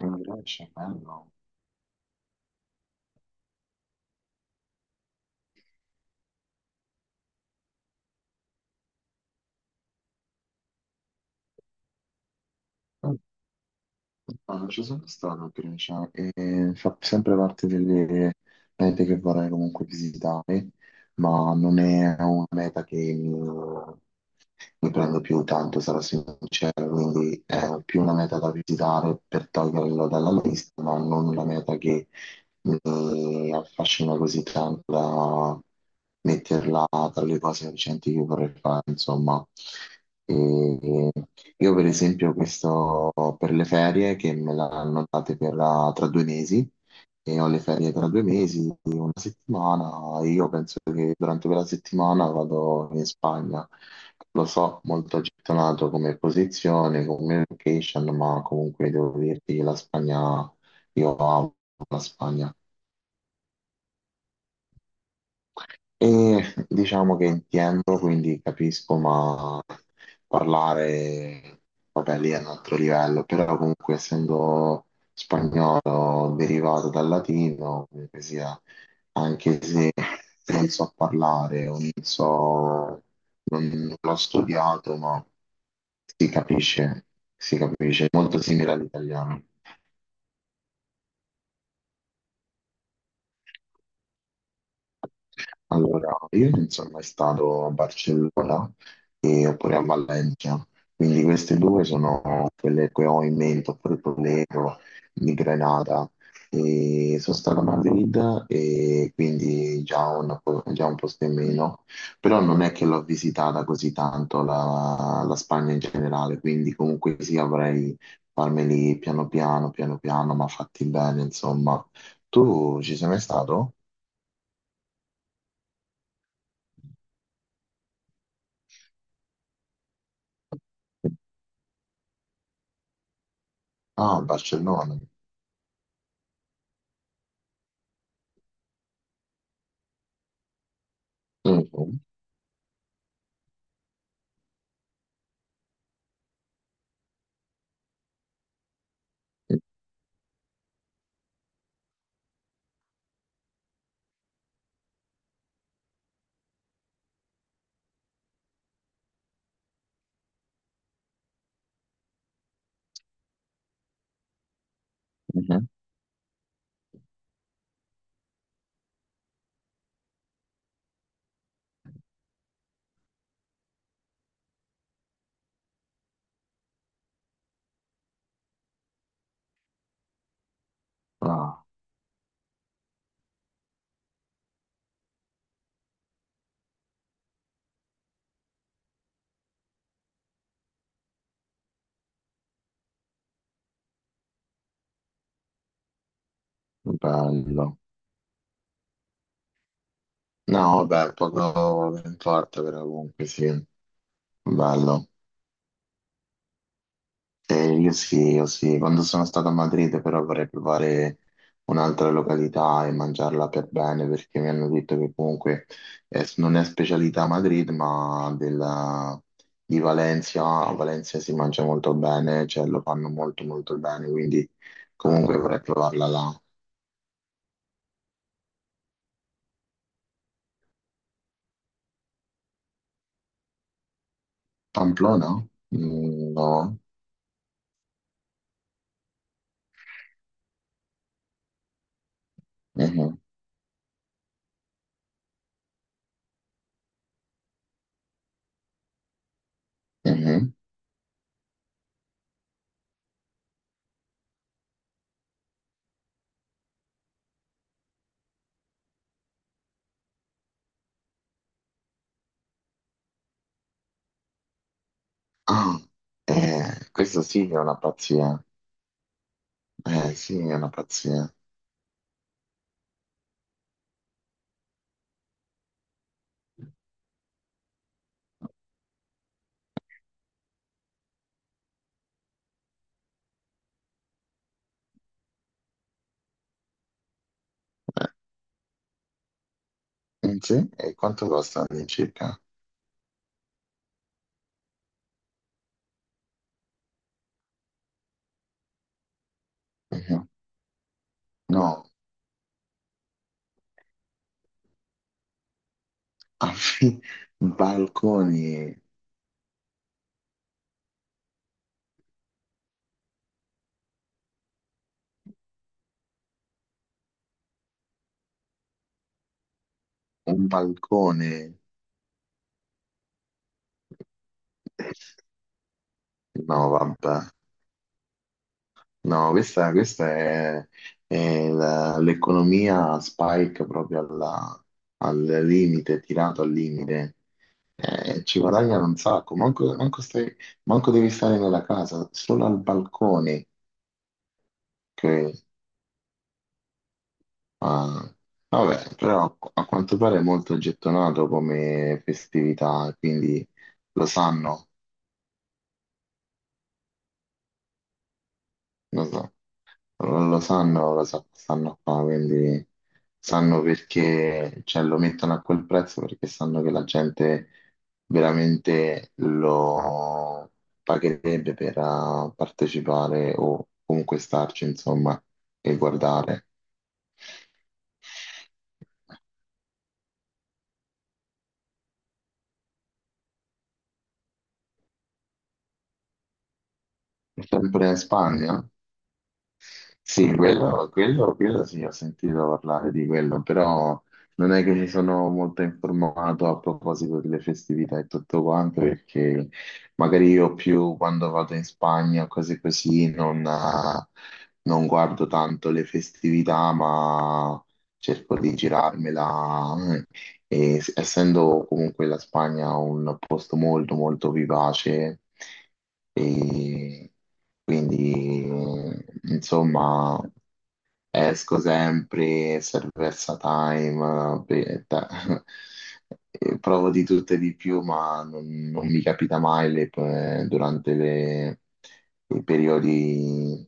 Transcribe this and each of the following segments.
In Grecia, bello. No, non ci sono stato a Grecia e fa sempre parte delle mete che vorrei comunque visitare, ma non è una meta che, ne prendo più tanto, sarò sincero. Quindi è più una meta da visitare per toglierlo dalla lista, ma non una meta che mi affascina così tanto da metterla tra le cose recenti che vorrei fare, insomma. E io per esempio questo per le ferie che me l'hanno date per la- tra due mesi e ho le ferie tra due mesi, una settimana, e io penso che durante quella settimana vado in Spagna. Lo so, molto gettonato come posizione, come location, ma comunque devo dirti che la Spagna, io amo la Spagna. E diciamo che intendo, quindi capisco, ma parlare, vabbè, lì è un altro livello, però comunque essendo spagnolo derivato dal latino, comunque sia, anche se non so parlare o non so, non l'ho studiato, ma si capisce, si capisce, è molto simile all'italiano. Allora, io non sono mai stato a Barcellona oppure a Valencia, quindi queste due sono quelle che ho in mente, oppure Toledo, di Granada. E sono stato a Madrid e quindi già un, già un posto in meno, però non è che l'ho visitata così tanto la Spagna in generale, quindi comunque sì, avrei farmeli piano piano, piano piano, ma fatti bene, insomma. Tu ci sei mai stato? Ah, Barcellona. Mhm. Mhm. Ah, bello. No, vabbè, poco non importa, però comunque sì, bello. Eh, io sì, quando sono stato a Madrid però vorrei provare un'altra località e mangiarla per bene perché mi hanno detto che comunque non è specialità a Madrid ma di Valencia, a Valencia si mangia molto bene, cioè lo fanno molto molto bene, quindi comunque vorrei provarla là. Pamplona? Mm, no. Mhm, mhm. Ah, questo sì che è una pazzia. Sì, è una pazzia. Mm, sì? E quanto costa all'incirca? Mhm. No, affi- balconi, un balcone. No, vabbè. No, questa è l'economia spike proprio al limite, tirato al limite. Ci guadagnano un sacco, manco, manco devi stare nella casa, solo al balcone. che- ah, vabbè, però a quanto pare è molto gettonato come festività, quindi lo sanno, lo so. Non lo sanno, stanno qua, quindi sanno perché, cioè, lo mettono a quel prezzo perché sanno che la gente veramente lo pagherebbe per partecipare o comunque starci, insomma, e guardare. Sempre in Spagna? Sì, quello sì, ho sentito parlare di quello, però non è che mi sono molto informato a proposito delle festività e tutto quanto, perché magari io più quando vado in Spagna o cose così non, non guardo tanto le festività, ma cerco di girarmela e essendo comunque la Spagna un posto molto molto vivace, e quindi insomma esco sempre, Cerveza Time, e provo di tutto e di più, ma non, non mi capita mai durante i periodi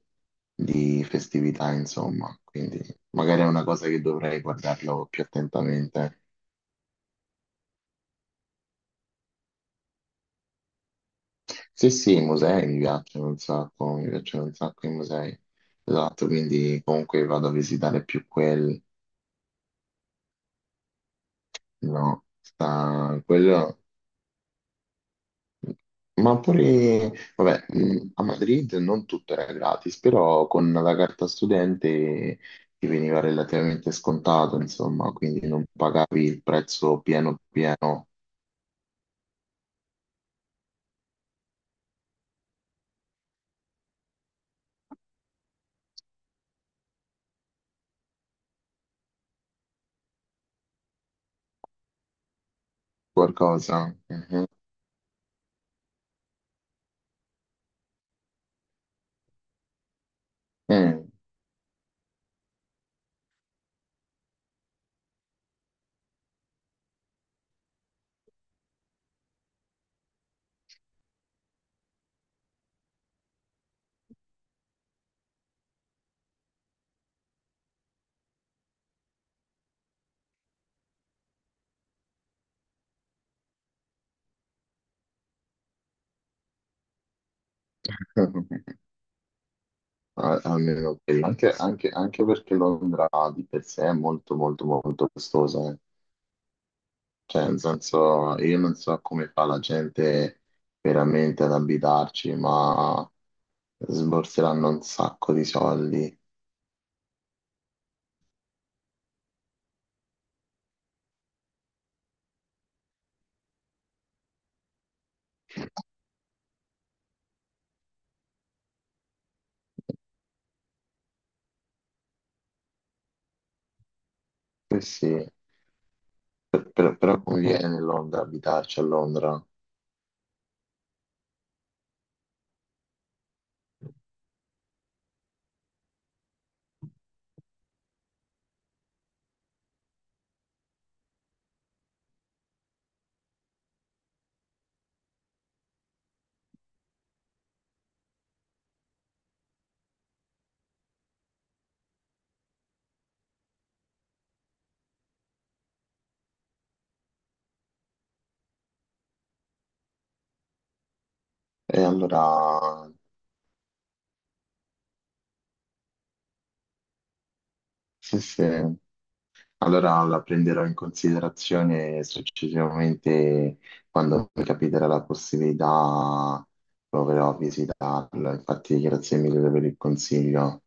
di festività, insomma. Quindi magari è una cosa che dovrei guardarlo più attentamente. Sì, sì, i musei mi piacciono un sacco, mi piacciono un sacco i musei. Esatto, quindi comunque vado a visitare più quelli, no? Sta quello. Ma pure, vabbè, a Madrid non tutto era gratis, però con la carta studente ti veniva relativamente scontato, insomma, quindi non pagavi il prezzo pieno pieno, qualcosa. Mhm. Mm. Almeno quello. Anche, Londra di per sé è molto molto molto costosa, eh. Cioè, nel senso, io non so come fa la gente veramente ad abitarci, ma sborseranno un sacco di soldi. Eh sì, però conviene Londra abitarci a Londra. E allora, sì, sì. Allora la prenderò in considerazione successivamente quando mi capiterà la possibilità, proverò a visitarlo. Infatti, grazie mille per il consiglio.